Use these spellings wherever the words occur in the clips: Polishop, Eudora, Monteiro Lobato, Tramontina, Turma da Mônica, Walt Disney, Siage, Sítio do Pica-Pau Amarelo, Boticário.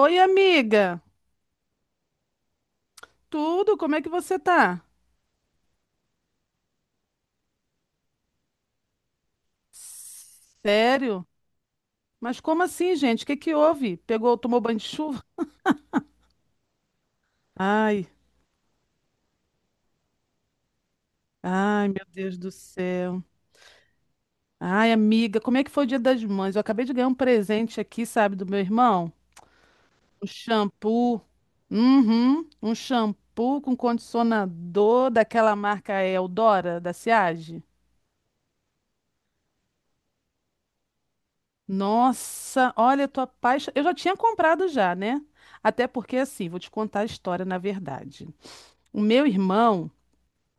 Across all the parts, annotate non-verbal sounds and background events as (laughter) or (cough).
Oi, amiga. Tudo? Como é que você tá? Sério? Mas como assim, gente? O que que houve? Pegou, tomou banho de chuva? Ai, ai, meu Deus do céu. Ai, amiga, como é que foi o Dia das Mães? Eu acabei de ganhar um presente aqui, sabe, do meu irmão? Um shampoo. Uhum, um shampoo com condicionador daquela marca Eudora, da Siage. Nossa, olha, eu tô apaixonada. Eu já tinha comprado já, né? Até porque, assim, vou te contar a história na verdade. O meu irmão,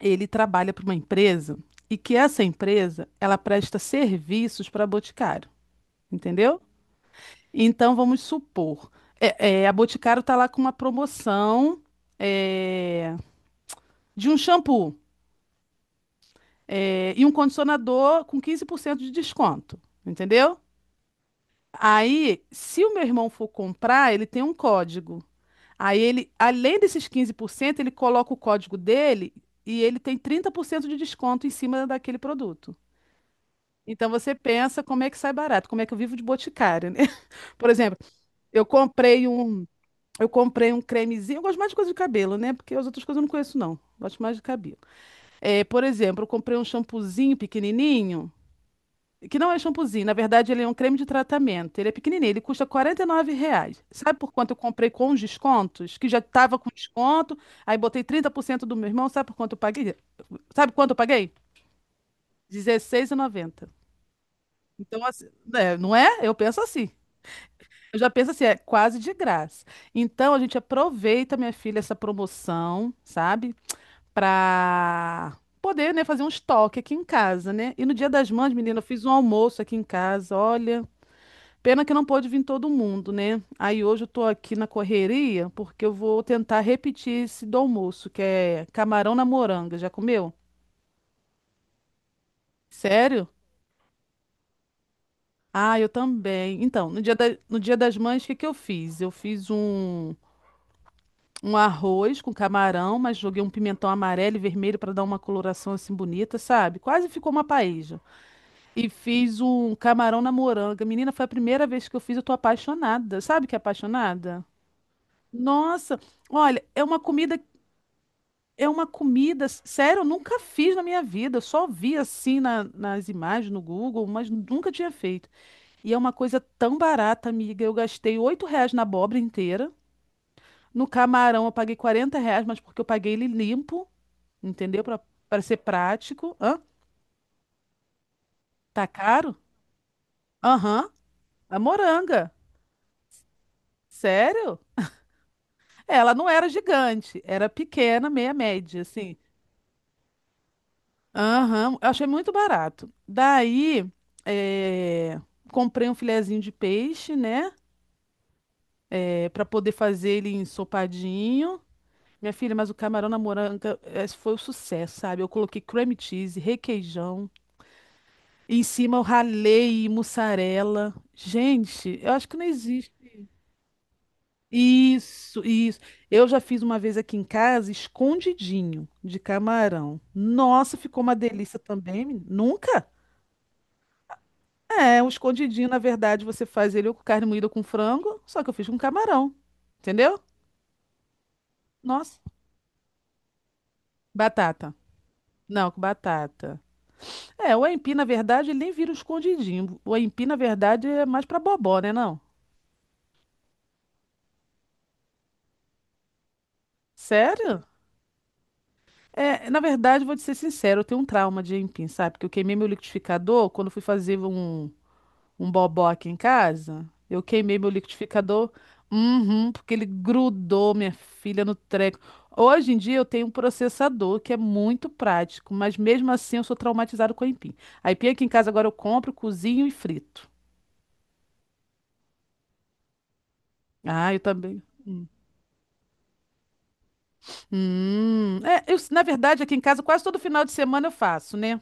ele trabalha para uma empresa e que essa empresa, ela presta serviços para a Boticário, entendeu? Então, vamos supor, a Boticário tá lá com uma promoção é, de um shampoo e um condicionador com 15% de desconto, entendeu? Aí, se o meu irmão for comprar, ele tem um código. Aí ele, além desses 15%, ele coloca o código dele e ele tem 30% de desconto em cima daquele produto. Então você pensa como é que sai barato, como é que eu vivo de boticário, né? (laughs) Por exemplo, eu comprei um, eu comprei um cremezinho, eu gosto mais de coisa de cabelo, né? Porque as outras coisas eu não conheço não, gosto mais de cabelo. É, por exemplo, eu comprei um shampoozinho pequenininho que não é shampoozinho, na verdade ele é um creme de tratamento. Ele é pequenininho, ele custa R$ 49. Sabe por quanto eu comprei com os descontos? Que já estava com desconto, aí botei 30% do meu irmão, sabe por quanto eu paguei? Sabe quanto eu paguei? 16,90. Então, assim, né, não é? Eu penso assim. Eu já penso assim, é quase de graça. Então, a gente aproveita, minha filha, essa promoção, sabe? Pra poder, né, fazer um estoque aqui em casa, né? E no Dia das Mães, menina, eu fiz um almoço aqui em casa, olha. Pena que não pôde vir todo mundo, né? Aí hoje eu tô aqui na correria porque eu vou tentar repetir esse do almoço, que é camarão na moranga. Já comeu? Sério? Ah, eu também. Então, no dia das mães, o que que eu fiz? Eu fiz um arroz com camarão, mas joguei um pimentão amarelo e vermelho para dar uma coloração assim bonita, sabe? Quase ficou uma paella. E fiz um camarão na moranga. Menina, foi a primeira vez que eu fiz, eu tô apaixonada. Sabe que é apaixonada? Nossa, olha, é uma comida. É uma comida, sério, eu nunca fiz na minha vida. Eu só vi assim nas imagens no Google, mas nunca tinha feito. E é uma coisa tão barata, amiga. Eu gastei R$ 8 na abóbora inteira. No camarão eu paguei R$ 40, mas porque eu paguei ele limpo, entendeu? Pra ser prático. Hã? Tá caro? Aham. A moranga. Sério? É, ela não era gigante, era pequena, meia média, assim. Aham, eu achei muito barato. Daí, eh, comprei um filezinho de peixe, né? É, para poder fazer ele ensopadinho. Minha filha, mas o camarão na moranga esse foi o sucesso, sabe? Eu coloquei cream cheese, requeijão. E em cima eu ralei mussarela. Gente, eu acho que não existe. Isso, isso. Eu já fiz uma vez aqui em casa, escondidinho de camarão. Nossa, ficou uma delícia também, menina. Nunca? É, um escondidinho, na verdade, você faz ele com carne moída com frango, só que eu fiz com camarão. Entendeu? Nossa. Batata. Não, com batata. É, o aipim, na verdade, ele nem vira um escondidinho. O aipim, na verdade, é mais pra bobó, né, não? Sério? É, na verdade, vou te ser sincero, eu tenho um trauma de aipim, sabe? Porque eu queimei meu liquidificador quando eu fui fazer um bobó aqui em casa. Eu queimei meu liquidificador, uhum, porque ele grudou minha filha no treco. Hoje em dia eu tenho um processador que é muito prático, mas mesmo assim eu sou traumatizado com a aipim. A aipim aqui em casa agora eu compro, cozinho e frito. Ah, eu também. Hum. Eu, na verdade, aqui em casa quase todo final de semana eu faço, né?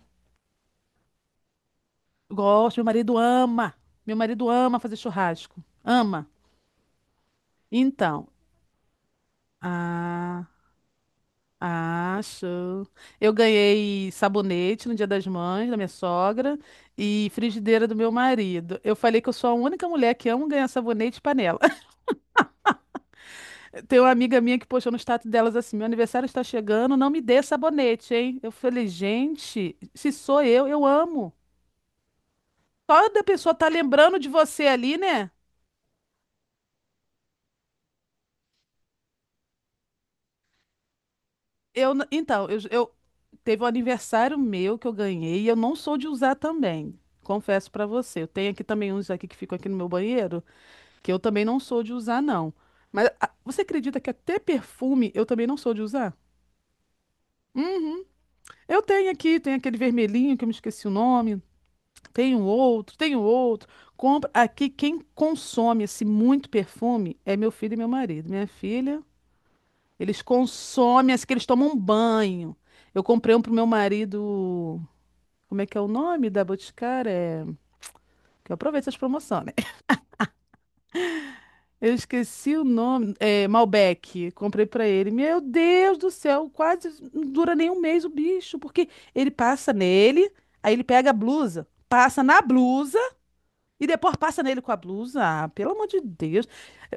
Gosto, meu marido ama. Meu marido ama fazer churrasco. Ama. Então, ah, Ah, show. Eu ganhei sabonete no Dia das Mães da minha sogra e frigideira do meu marido. Eu falei que eu sou a única mulher que amo ganhar sabonete e panela. (laughs) Tem uma amiga minha que postou no status delas assim: meu aniversário está chegando, não me dê sabonete, hein? Eu falei, gente, se sou eu amo. Só da pessoa tá lembrando de você ali, né? Então, eu teve um aniversário meu que eu ganhei e eu não sou de usar também. Confesso pra você, eu tenho aqui também uns aqui que ficam aqui no meu banheiro. Que eu também não sou de usar, não. Mas ah, você acredita que até perfume eu também não sou de usar? Uhum. Eu tenho aqui, tem aquele vermelhinho que eu me esqueci o nome. Tem um outro, tem um outro. Compra aqui quem consome assim muito perfume é meu filho e meu marido. Minha filha, eles consomem assim que eles tomam um banho. Eu comprei um pro meu marido, como é que é o nome da Boticária? É, que eu aproveito essas promoções, né? Eu esqueci o nome. É, Malbec. Comprei pra ele. Meu Deus do céu, quase não dura nem um mês o bicho, porque ele passa nele, aí ele pega a blusa, passa na blusa e depois passa nele com a blusa. Ah, pelo amor de Deus.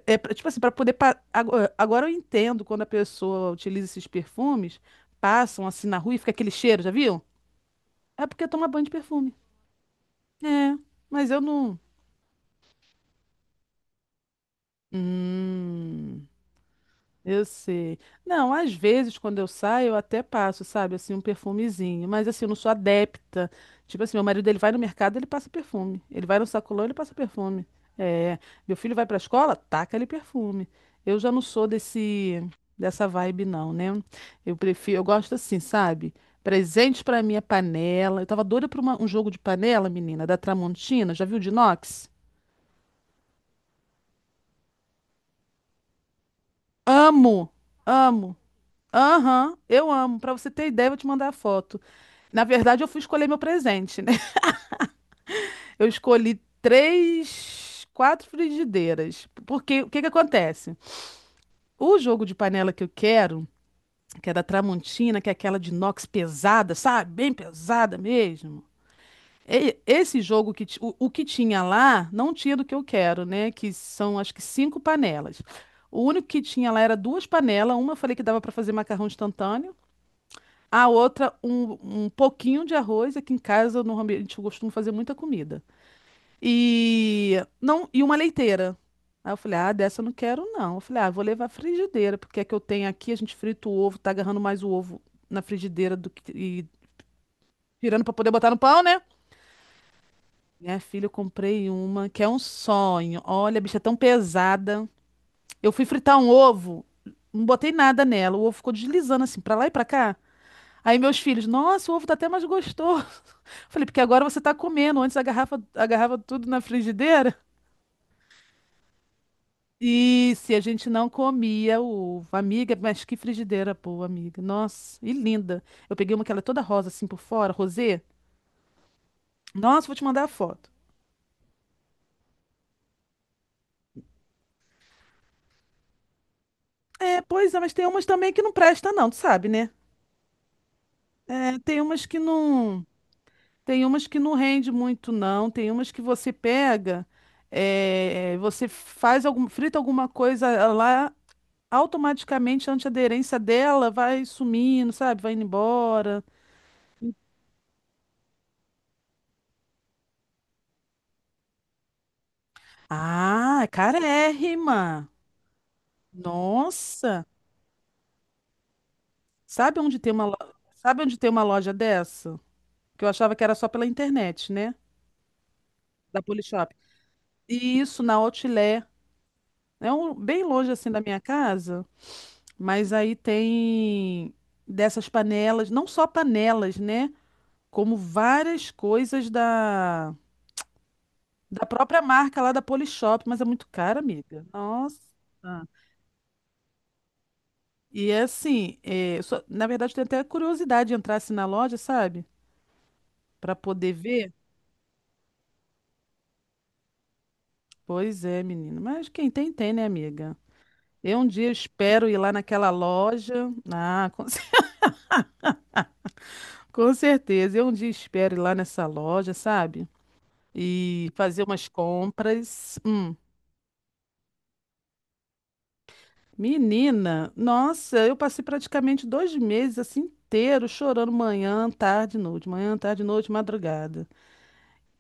É, tipo assim, para poder. Agora, agora eu entendo quando a pessoa utiliza esses perfumes, passam assim na rua e fica aquele cheiro, já viu? É porque toma banho de perfume. É, mas eu não. Hum. Eu sei. Não, às vezes quando eu saio, eu até passo, sabe, assim, um perfumezinho, mas assim, eu não sou adepta. Tipo assim, meu marido ele vai no mercado, ele passa perfume. Ele vai no sacolão, ele passa perfume. É, meu filho vai pra escola, taca ali perfume. Eu já não sou desse dessa vibe não, né? Eu prefiro, eu gosto assim, sabe? Presente pra minha panela. Eu tava doida pra um jogo de panela, menina, da Tramontina. Já viu de inox? Amo, amo. Aham, eu amo. Pra você ter ideia, eu vou te mandar a foto. Na verdade, eu fui escolher meu presente, né? (laughs) Eu escolhi três, quatro frigideiras. Porque o que que acontece? O jogo de panela que eu quero, que é da Tramontina, que é aquela de inox pesada, sabe? Bem pesada mesmo. Esse jogo o que tinha lá não tinha do que eu quero, né? Que são acho que cinco panelas. O único que tinha lá era duas panelas. Uma eu falei que dava para fazer macarrão instantâneo. A outra, um pouquinho de arroz. Aqui em casa, normalmente, eu costumo fazer muita comida. E, não, e uma leiteira. Aí eu falei, ah, dessa eu não quero, não. Eu falei, ah, vou levar a frigideira, porque é que eu tenho aqui, a gente frita o ovo, tá agarrando mais o ovo na frigideira do que, e tirando pra poder botar no pão, né? Minha filha, eu comprei uma, que é um sonho. Olha, a bicha é tão pesada. Eu fui fritar um ovo, não botei nada nela. O ovo ficou deslizando assim, pra lá e pra cá. Aí meus filhos, nossa, o ovo tá até mais gostoso. Falei, porque agora você tá comendo, antes agarrava, agarrava tudo na frigideira. E se a gente não comia o ovo. Amiga, mas que frigideira boa, amiga. Nossa, e linda. Eu peguei uma que ela é toda rosa assim por fora, rosê. Nossa, vou te mandar a foto. É, pois é, mas tem umas também que não presta não, tu sabe, né? É, tem umas que não, tem umas que não rende muito não, tem umas que você pega, é, você faz algum, frita alguma coisa lá, automaticamente a antiaderência dela vai sumindo, sabe? Vai indo embora. Ah, é carérrima. Nossa. Sabe onde tem sabe onde tem uma loja dessa? Que eu achava que era só pela internet, né? Da Polishop. E isso na Outlet. É um, bem longe assim da minha casa, mas aí tem dessas panelas, não só panelas, né? Como várias coisas da própria marca lá da Polishop, mas é muito cara, amiga. Nossa. E é assim, é, eu na verdade, eu tenho até curiosidade de entrar assim na loja, sabe? Pra poder ver. Pois é, menino. Mas quem tem, tem, né, amiga? Eu um dia espero ir lá naquela loja. Ah, (laughs) com certeza. Eu um dia espero ir lá nessa loja, sabe? E fazer umas compras. Hum. Menina, nossa, eu passei praticamente 2 meses assim inteiro chorando manhã, tarde, noite, madrugada.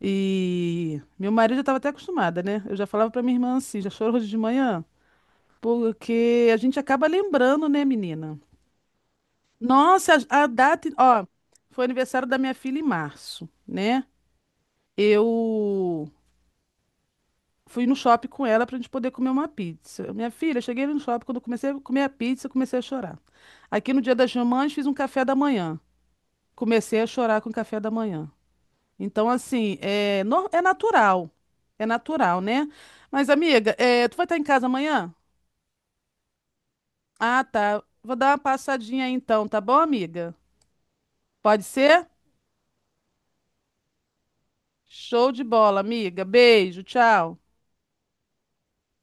E meu marido já estava até acostumada, né? Eu já falava pra minha irmã assim, já chorou hoje de manhã, porque a gente acaba lembrando, né, menina? Nossa, a data, ó, foi aniversário da minha filha em março, né? Eu fui no shopping com ela pra gente poder comer uma pizza. Minha filha, cheguei ali no shopping, quando eu comecei a comer a pizza, eu comecei a chorar. Aqui no Dia das Mamães fiz um café da manhã. Comecei a chorar com o café da manhã. Então, assim, é, é natural. É natural, né? Mas, amiga, é, tu vai estar em casa amanhã? Ah, tá. Vou dar uma passadinha aí então, tá bom, amiga? Pode ser? Show de bola, amiga. Beijo, tchau.